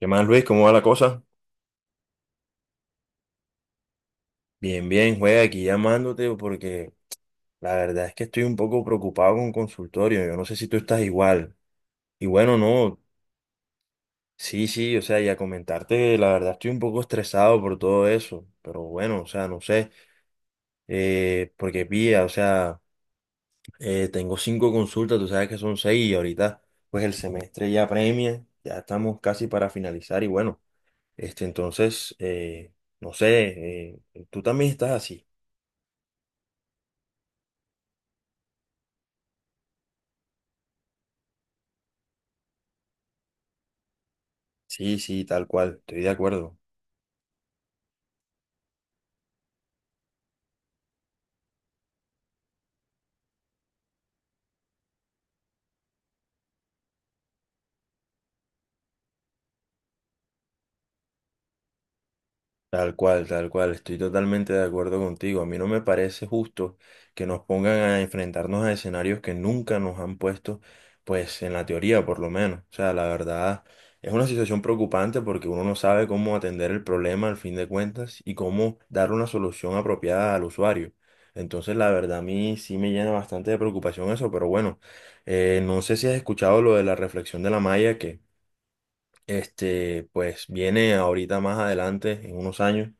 ¿Qué más, Luis? ¿Cómo va la cosa? Bien, bien, juega aquí llamándote porque la verdad es que estoy un poco preocupado con consultorio. Yo no sé si tú estás igual. Y bueno, no, sí, sí, o sea, y a comentarte que la verdad estoy un poco estresado por todo eso. Pero bueno, o sea, no sé, porque pilla, o sea, tengo cinco consultas, tú sabes que son seis y ahorita pues el semestre ya premia, ya estamos casi para finalizar y bueno, este entonces, no sé, tú también estás así. Sí, sí, tal cual, estoy de acuerdo, tal cual, estoy totalmente de acuerdo contigo. A mí no me parece justo que nos pongan a enfrentarnos a escenarios que nunca nos han puesto, pues en la teoría por lo menos. O sea, la verdad es una situación preocupante porque uno no sabe cómo atender el problema al fin de cuentas y cómo dar una solución apropiada al usuario. Entonces, la verdad a mí sí me llena bastante de preocupación eso, pero bueno, no sé si has escuchado lo de la reflexión de la malla que este, pues viene ahorita más adelante, en unos años,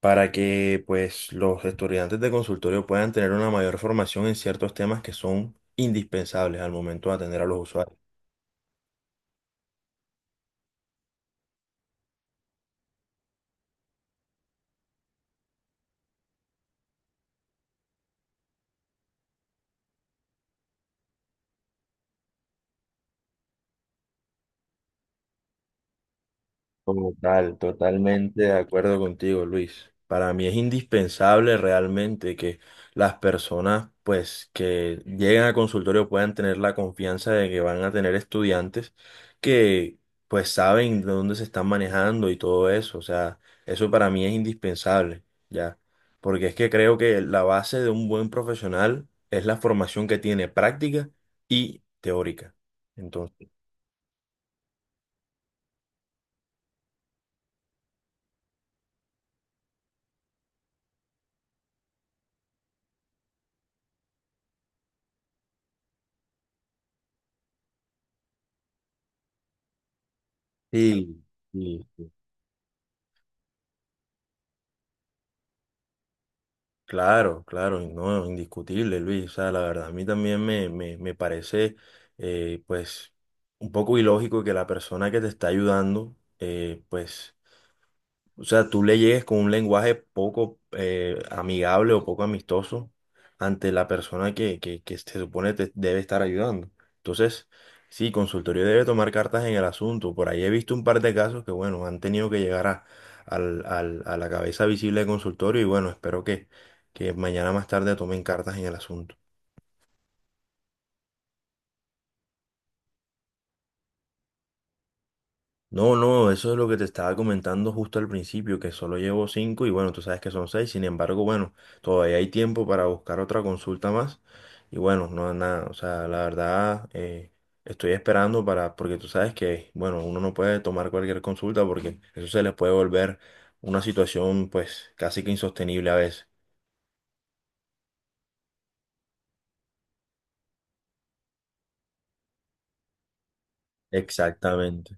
para que pues los estudiantes de consultorio puedan tener una mayor formación en ciertos temas que son indispensables al momento de atender a los usuarios. Total, totalmente de acuerdo contigo, Luis. Para mí es indispensable realmente que las personas, pues, que llegan a consultorio puedan tener la confianza de que van a tener estudiantes que, pues, saben de dónde se están manejando y todo eso. O sea, eso para mí es indispensable, ¿ya? Porque es que creo que la base de un buen profesional es la formación que tiene práctica y teórica. Entonces, sí. Claro, claro, no, indiscutible, Luis. O sea, la verdad, a mí también me parece, pues, un poco ilógico que la persona que te está ayudando, pues, o sea, tú le llegues con un lenguaje poco amigable o poco amistoso ante la persona que se supone te debe estar ayudando. Entonces, sí, consultorio debe tomar cartas en el asunto. Por ahí he visto un par de casos que, bueno, han tenido que llegar a, a la cabeza visible de consultorio y bueno, espero que mañana más tarde tomen cartas en el asunto. No, no, eso es lo que te estaba comentando justo al principio, que solo llevo cinco y bueno, tú sabes que son seis, sin embargo, bueno, todavía hay tiempo para buscar otra consulta más y bueno, no nada, o sea, la verdad estoy esperando para, porque tú sabes que, bueno, uno no puede tomar cualquier consulta porque eso se les puede volver una situación pues casi que insostenible a veces. Exactamente.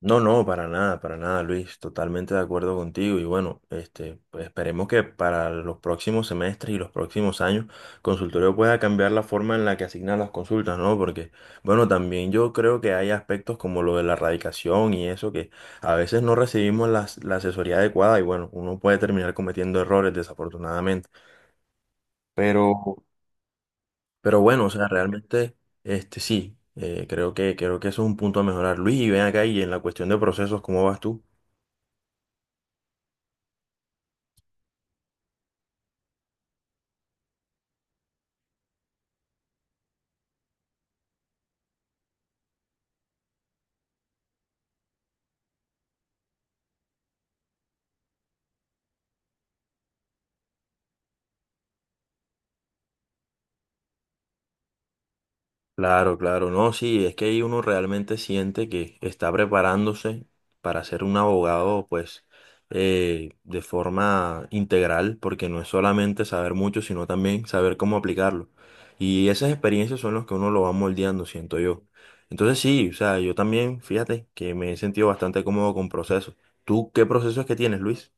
No, no, para nada, Luis, totalmente de acuerdo contigo y bueno, este, pues esperemos que para los próximos semestres y los próximos años consultorio pueda cambiar la forma en la que asignan las consultas, ¿no? Porque bueno, también yo creo que hay aspectos como lo de la radicación y eso que a veces no recibimos la asesoría adecuada y bueno, uno puede terminar cometiendo errores desafortunadamente, pero, pero bueno, o sea, realmente, este, sí, creo que eso es un punto a mejorar, Luis, y ven acá y en la cuestión de procesos, ¿cómo vas tú? Claro, claro, no, sí, es que ahí uno realmente siente que está preparándose para ser un abogado, pues, de forma integral, porque no es solamente saber mucho, sino también saber cómo aplicarlo. Y esas experiencias son las que uno lo va moldeando, siento yo. Entonces sí, o sea, yo también, fíjate, que me he sentido bastante cómodo con procesos. ¿Tú qué procesos que tienes, Luis?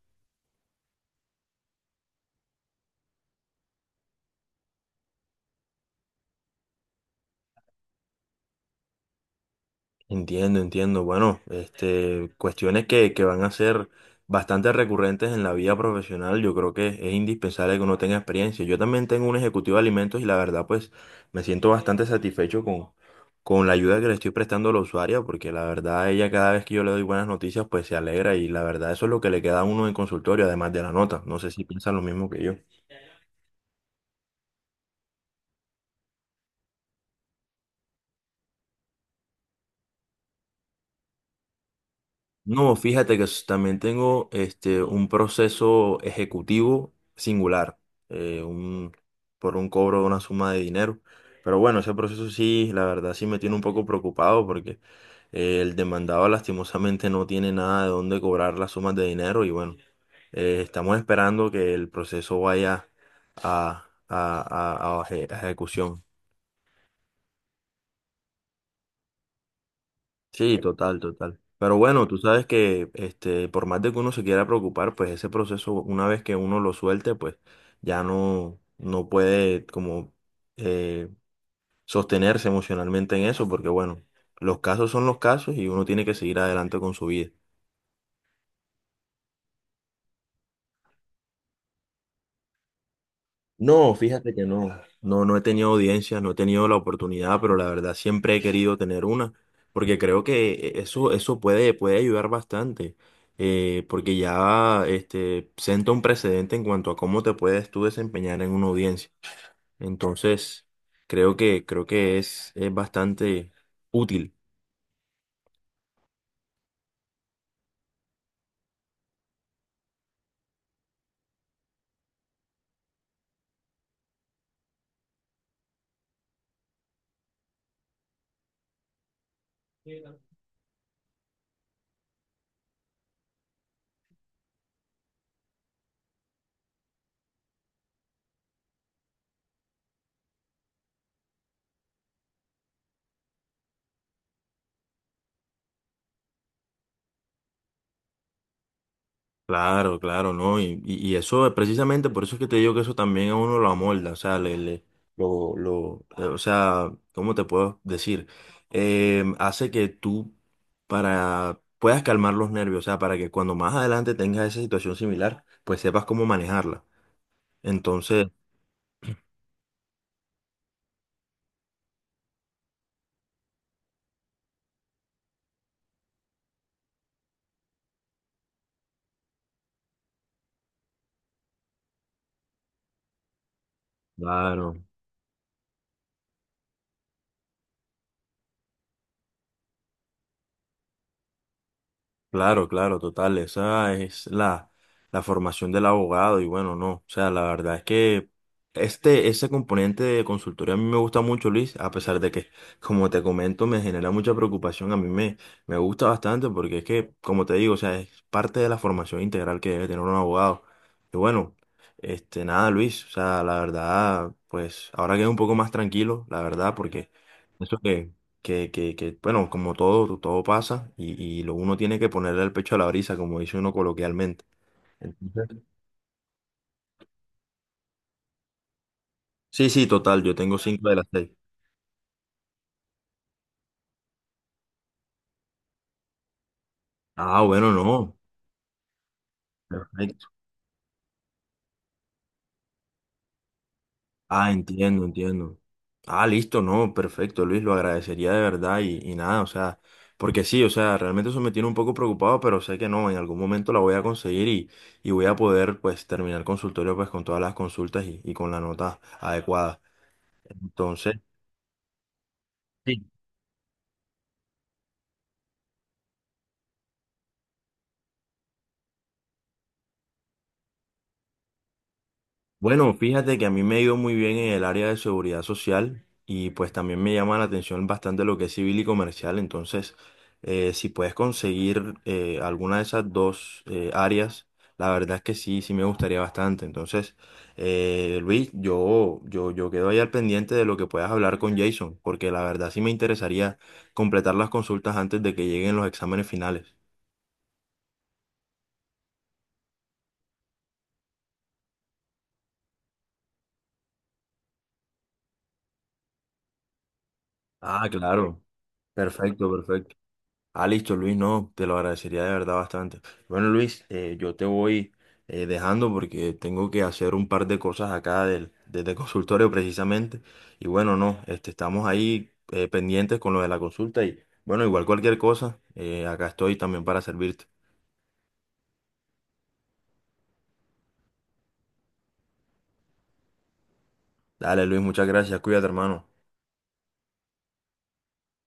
Entiendo, entiendo. Bueno, este, cuestiones que van a ser bastante recurrentes en la vida profesional. Yo creo que es indispensable que uno tenga experiencia. Yo también tengo un ejecutivo de alimentos y la verdad, pues, me siento bastante satisfecho con la ayuda que le estoy prestando a la usuaria, porque la verdad, ella cada vez que yo le doy buenas noticias, pues se alegra y la verdad, eso es lo que le queda a uno en consultorio, además de la nota. No sé si piensan lo mismo que yo. No, fíjate que también tengo este, un proceso ejecutivo singular, eh, un, por un cobro de una suma de dinero. Pero bueno, ese proceso sí, la verdad sí me tiene un poco preocupado porque el demandado lastimosamente no tiene nada de dónde cobrar las sumas de dinero y bueno, estamos esperando que el proceso vaya a ejecución. Sí, total, total. Pero bueno, tú sabes que este, por más de que uno se quiera preocupar, pues ese proceso, una vez que uno lo suelte, pues ya no, no puede como eh, sostenerse emocionalmente en eso, porque bueno, los casos son los casos y uno tiene que seguir adelante con su vida. No, fíjate que no, no, no he tenido audiencias, no he tenido la oportunidad, pero la verdad siempre he querido tener una, porque creo que eso, eso puede, puede ayudar bastante, porque ya este, sienta un precedente en cuanto a cómo te puedes tú desempeñar en una audiencia. Entonces, creo que es bastante útil. Claro, claro, ¿no? Y eso es precisamente por eso es que te digo que eso también a uno lo amolda, o sea, o sea, ¿cómo te puedo decir? Hace que tú para puedas calmar los nervios, o sea, para que cuando más adelante tengas esa situación similar, pues sepas cómo manejarla. Entonces, claro. Claro, claro, total. Esa es la, la formación del abogado y bueno, no. O sea, la verdad es que este, ese componente de consultoría a mí me gusta mucho, Luis, a pesar de que, como te comento, me genera mucha preocupación. A mí me gusta bastante porque es que, como te digo, o sea, es parte de la formación integral que debe tener un abogado. Y bueno, este, nada, Luis, o sea, la verdad, pues ahora quedé un poco más tranquilo, la verdad, porque eso que bueno, como todo, todo pasa y lo uno tiene que ponerle el pecho a la brisa, como dice uno coloquialmente. Entonces, sí, sí, total, yo tengo cinco de las seis. Ah, bueno, no. Perfecto. Ah, entiendo, entiendo. Ah, listo, no, perfecto, Luis, lo agradecería de verdad y nada, o sea, porque sí, o sea, realmente eso me tiene un poco preocupado, pero sé que no, en algún momento la voy a conseguir y voy a poder, pues, terminar el consultorio, pues, con todas las consultas y con la nota adecuada. Entonces... Bueno, fíjate que a mí me ha ido muy bien en el área de seguridad social y pues también me llama la atención bastante lo que es civil y comercial. Entonces, si puedes conseguir alguna de esas dos áreas, la verdad es que sí, sí me gustaría bastante. Entonces, Luis, yo quedo ahí al pendiente de lo que puedas hablar con Jason, porque la verdad sí me interesaría completar las consultas antes de que lleguen los exámenes finales. Ah, claro. Perfecto, perfecto. Ah, listo, Luis, no, te lo agradecería de verdad bastante. Bueno, Luis, yo te voy dejando porque tengo que hacer un par de cosas acá del, desde el consultorio precisamente. Y bueno, no, este, estamos ahí pendientes con lo de la consulta y bueno, igual cualquier cosa, acá estoy también para servirte. Dale, Luis, muchas gracias, cuídate, hermano.